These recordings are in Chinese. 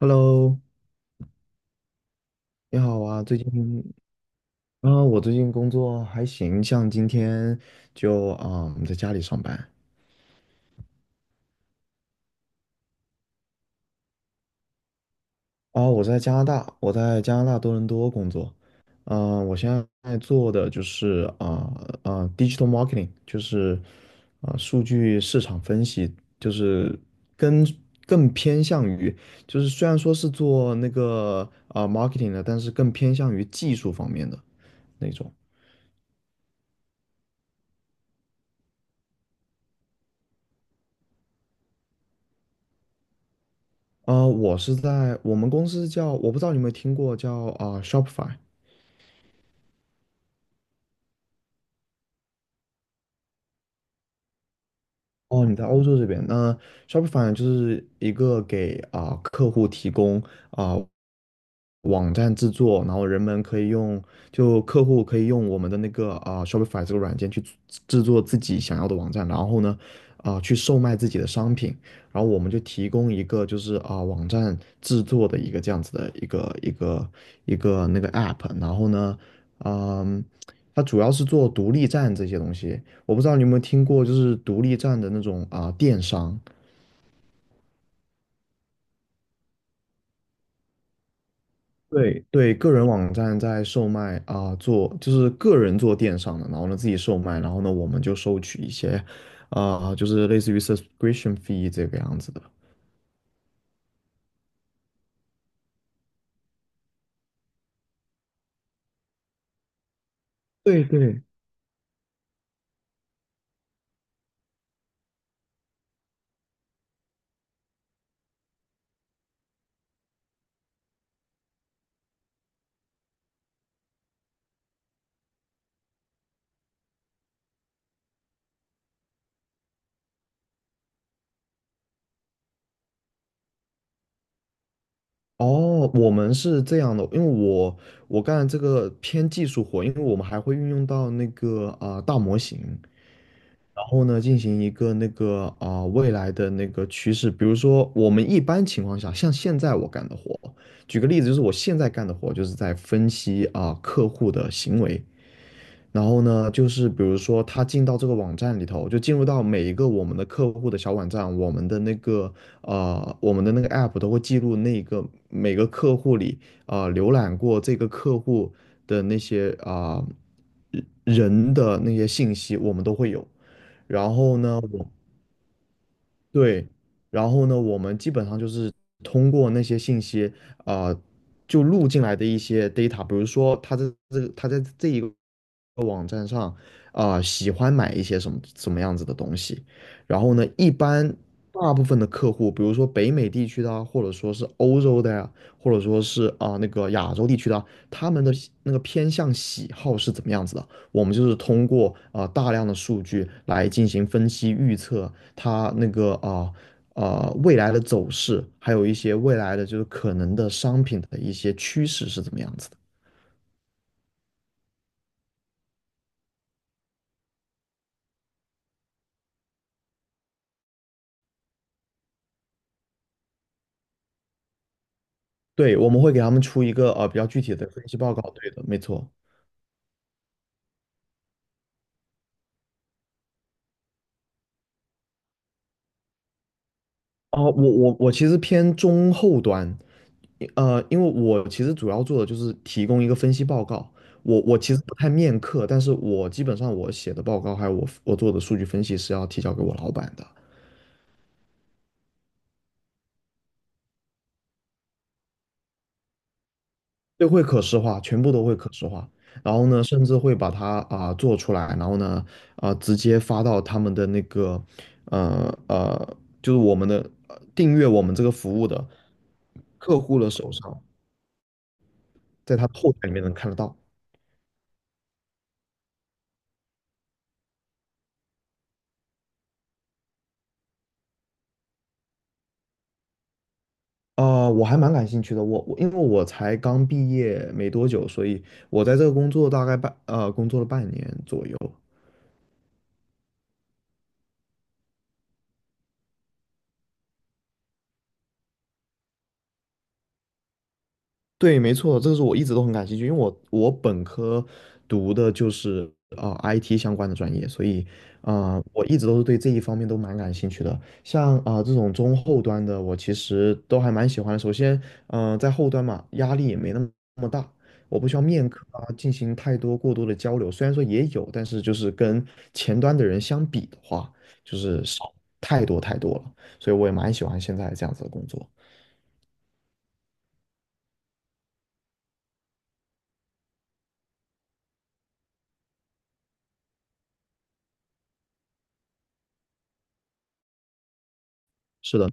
Hello，你好啊，最近我最近工作还行，像今天就我们在家里上班。我在加拿大，我在加拿大多伦多工作，我现在做的就是digital marketing，就是数据市场分析，就是跟更偏向于，就是虽然说是做那个marketing 的，但是更偏向于技术方面的那种。我是在我们公司叫，我不知道你有没有听过叫Shopify。哦，你在欧洲这边，那 Shopify 就是一个给客户提供啊、网站制作，然后人们可以用，就客户可以用我们的那个Shopify 这个软件去制作自己想要的网站，然后呢去售卖自己的商品，然后我们就提供一个就是网站制作的一个这样子的一个那个 app，然后呢，嗯，它主要是做独立站这些东西。我不知道你有没有听过，就是独立站的那种电商，对对，个人网站在售卖做就是个人做电商的，然后呢自己售卖，然后呢我们就收取一些就是类似于 subscription fee 这个样子的。对对。哦，我们是这样的，因为我干这个偏技术活，因为我们还会运用到那个大模型，然后呢，进行一个那个未来的那个趋势，比如说我们一般情况下，像现在我干的活，举个例子，就是我现在干的活就是在分析客户的行为，然后呢，就是比如说他进到这个网站里头，就进入到每一个我们的客户的小网站，我们的那个 app 都会记录那个每个客户里浏览过这个客户的那些人人的那些信息，我们都会有。然后呢，我对，然后呢，我们基本上就是通过那些信息啊、呃就录进来的一些 data，比如说他在这个他在这一个。网站上喜欢买一些什么什么样子的东西。然后呢，一般大部分的客户，比如说北美地区的啊，或者说是欧洲的呀、或者说是那个亚洲地区的啊他们的那个偏向喜好是怎么样子的？我们就是通过大量的数据来进行分析预测，它那个啊。未来的走势，还有一些未来的就是可能的商品的一些趋势是怎么样子的？对，我们会给他们出一个比较具体的分析报告。对的，没错。哦，我其实偏中后端，因为我其实主要做的就是提供一个分析报告。我其实不太面课，但是我基本上我写的报告还有我做的数据分析是要提交给我老板的。对，会可视化，全部都会可视化。然后呢，甚至会把它做出来，然后呢直接发到他们的那个就是我们的订阅我们这个服务的客户的手上，在他后台里面能看得到。我还蛮感兴趣的。我因为我才刚毕业没多久，所以我在这个工作大概工作了半年左右。对，没错，这个是我一直都很感兴趣，因为我本科读的就是IT 相关的专业，所以我一直都是对这一方面都蛮感兴趣的。像这种中后端的，我其实都还蛮喜欢的。首先，在后端嘛，压力也没那么那么大，我不需要面课进行太多过多的交流。虽然说也有，但是就是跟前端的人相比的话，就是少太多太多了。所以我也蛮喜欢现在这样子的工作。是的。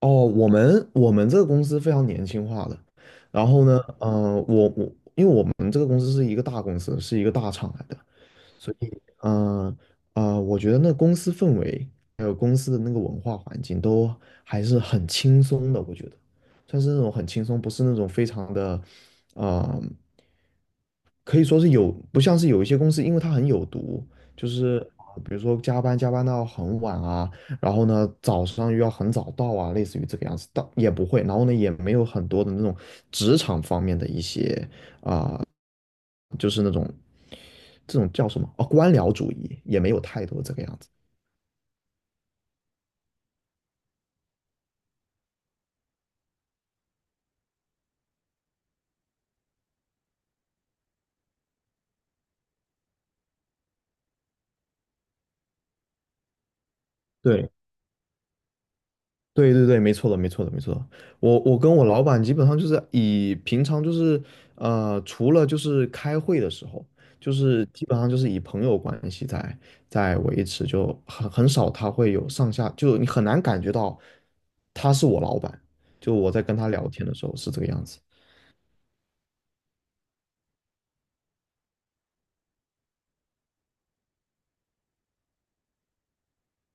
哦，我们这个公司非常年轻化的，然后呢，呃，我因为我们这个公司是一个大公司，是一个大厂来的，所以，我觉得那公司氛围还有公司的那个文化环境都还是很轻松的，我觉得算是那种很轻松，不是那种非常的，呃可以说是有，不像是有一些公司，因为它很有毒，就是比如说加班到很晚啊，然后呢早上又要很早到啊，类似于这个样子，倒也不会，然后呢也没有很多的那种职场方面的一些，就是那种这种叫什么哦，官僚主义也没有太多这个样子。对，对对对，没错的，没错的，没错的。我跟我老板基本上就是以平常就是呃，除了就是开会的时候，就是基本上就是以朋友关系在维持，就很少他会有上下，就你很难感觉到他是我老板。就我在跟他聊天的时候是这个样子。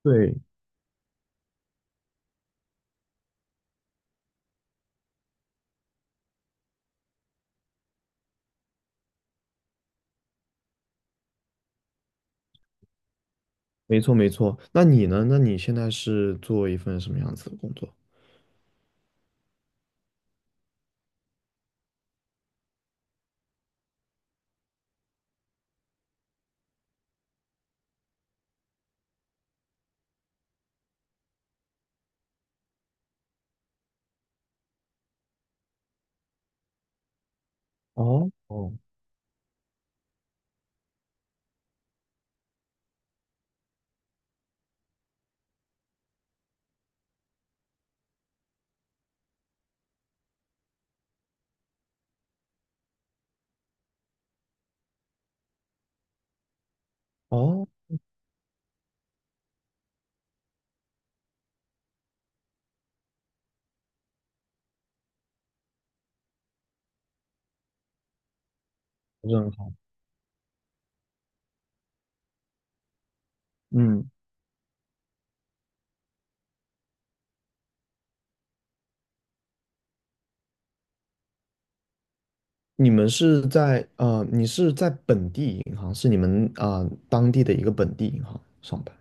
对，没错没错。那你呢？那你现在是做一份什么样子的工作？哦哦哦，这样好。嗯。你是在本地银行，是你们当地的一个本地银行上班。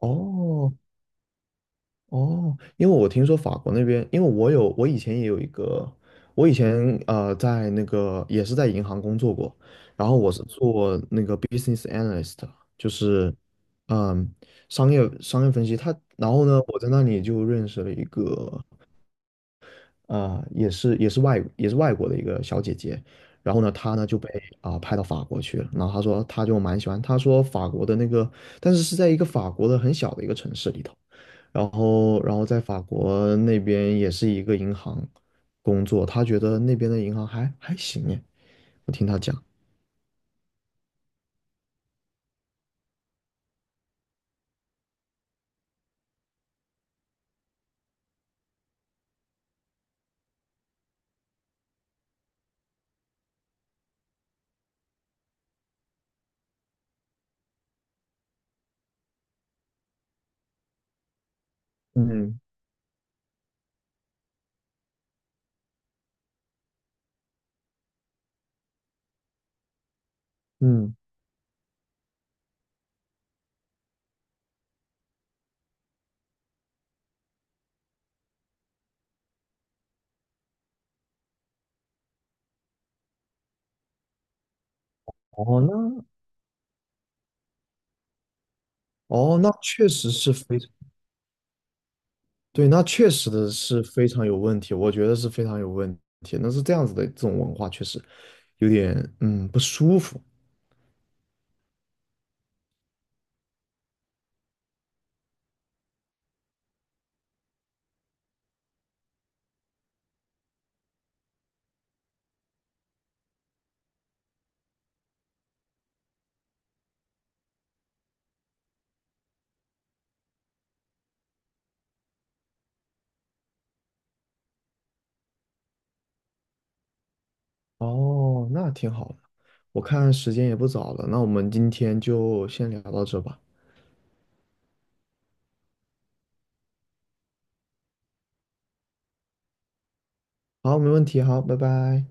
哦哦，因为我听说法国那边，因为我以前也有一个，我以前在那个也是在银行工作过，然后我是做那个 business analyst，就是嗯商业分析。他然后呢，我在那里就认识了一个啊，也是外国的一个小姐姐，然后呢，她呢就被派到法国去了，然后她说她就蛮喜欢，她说法国的那个，但是是在一个法国的很小的一个城市里头，然后在法国那边也是一个银行工作，她觉得那边的银行还行耶。我听她讲，嗯嗯，哦那哦那确实是非常。对，那确实的是非常有问题，我觉得是非常有问题。那是这样子的，这种文化确实有点不舒服。哦，那挺好的。我看时间也不早了，那我们今天就先聊到这吧。好，没问题，好，拜拜。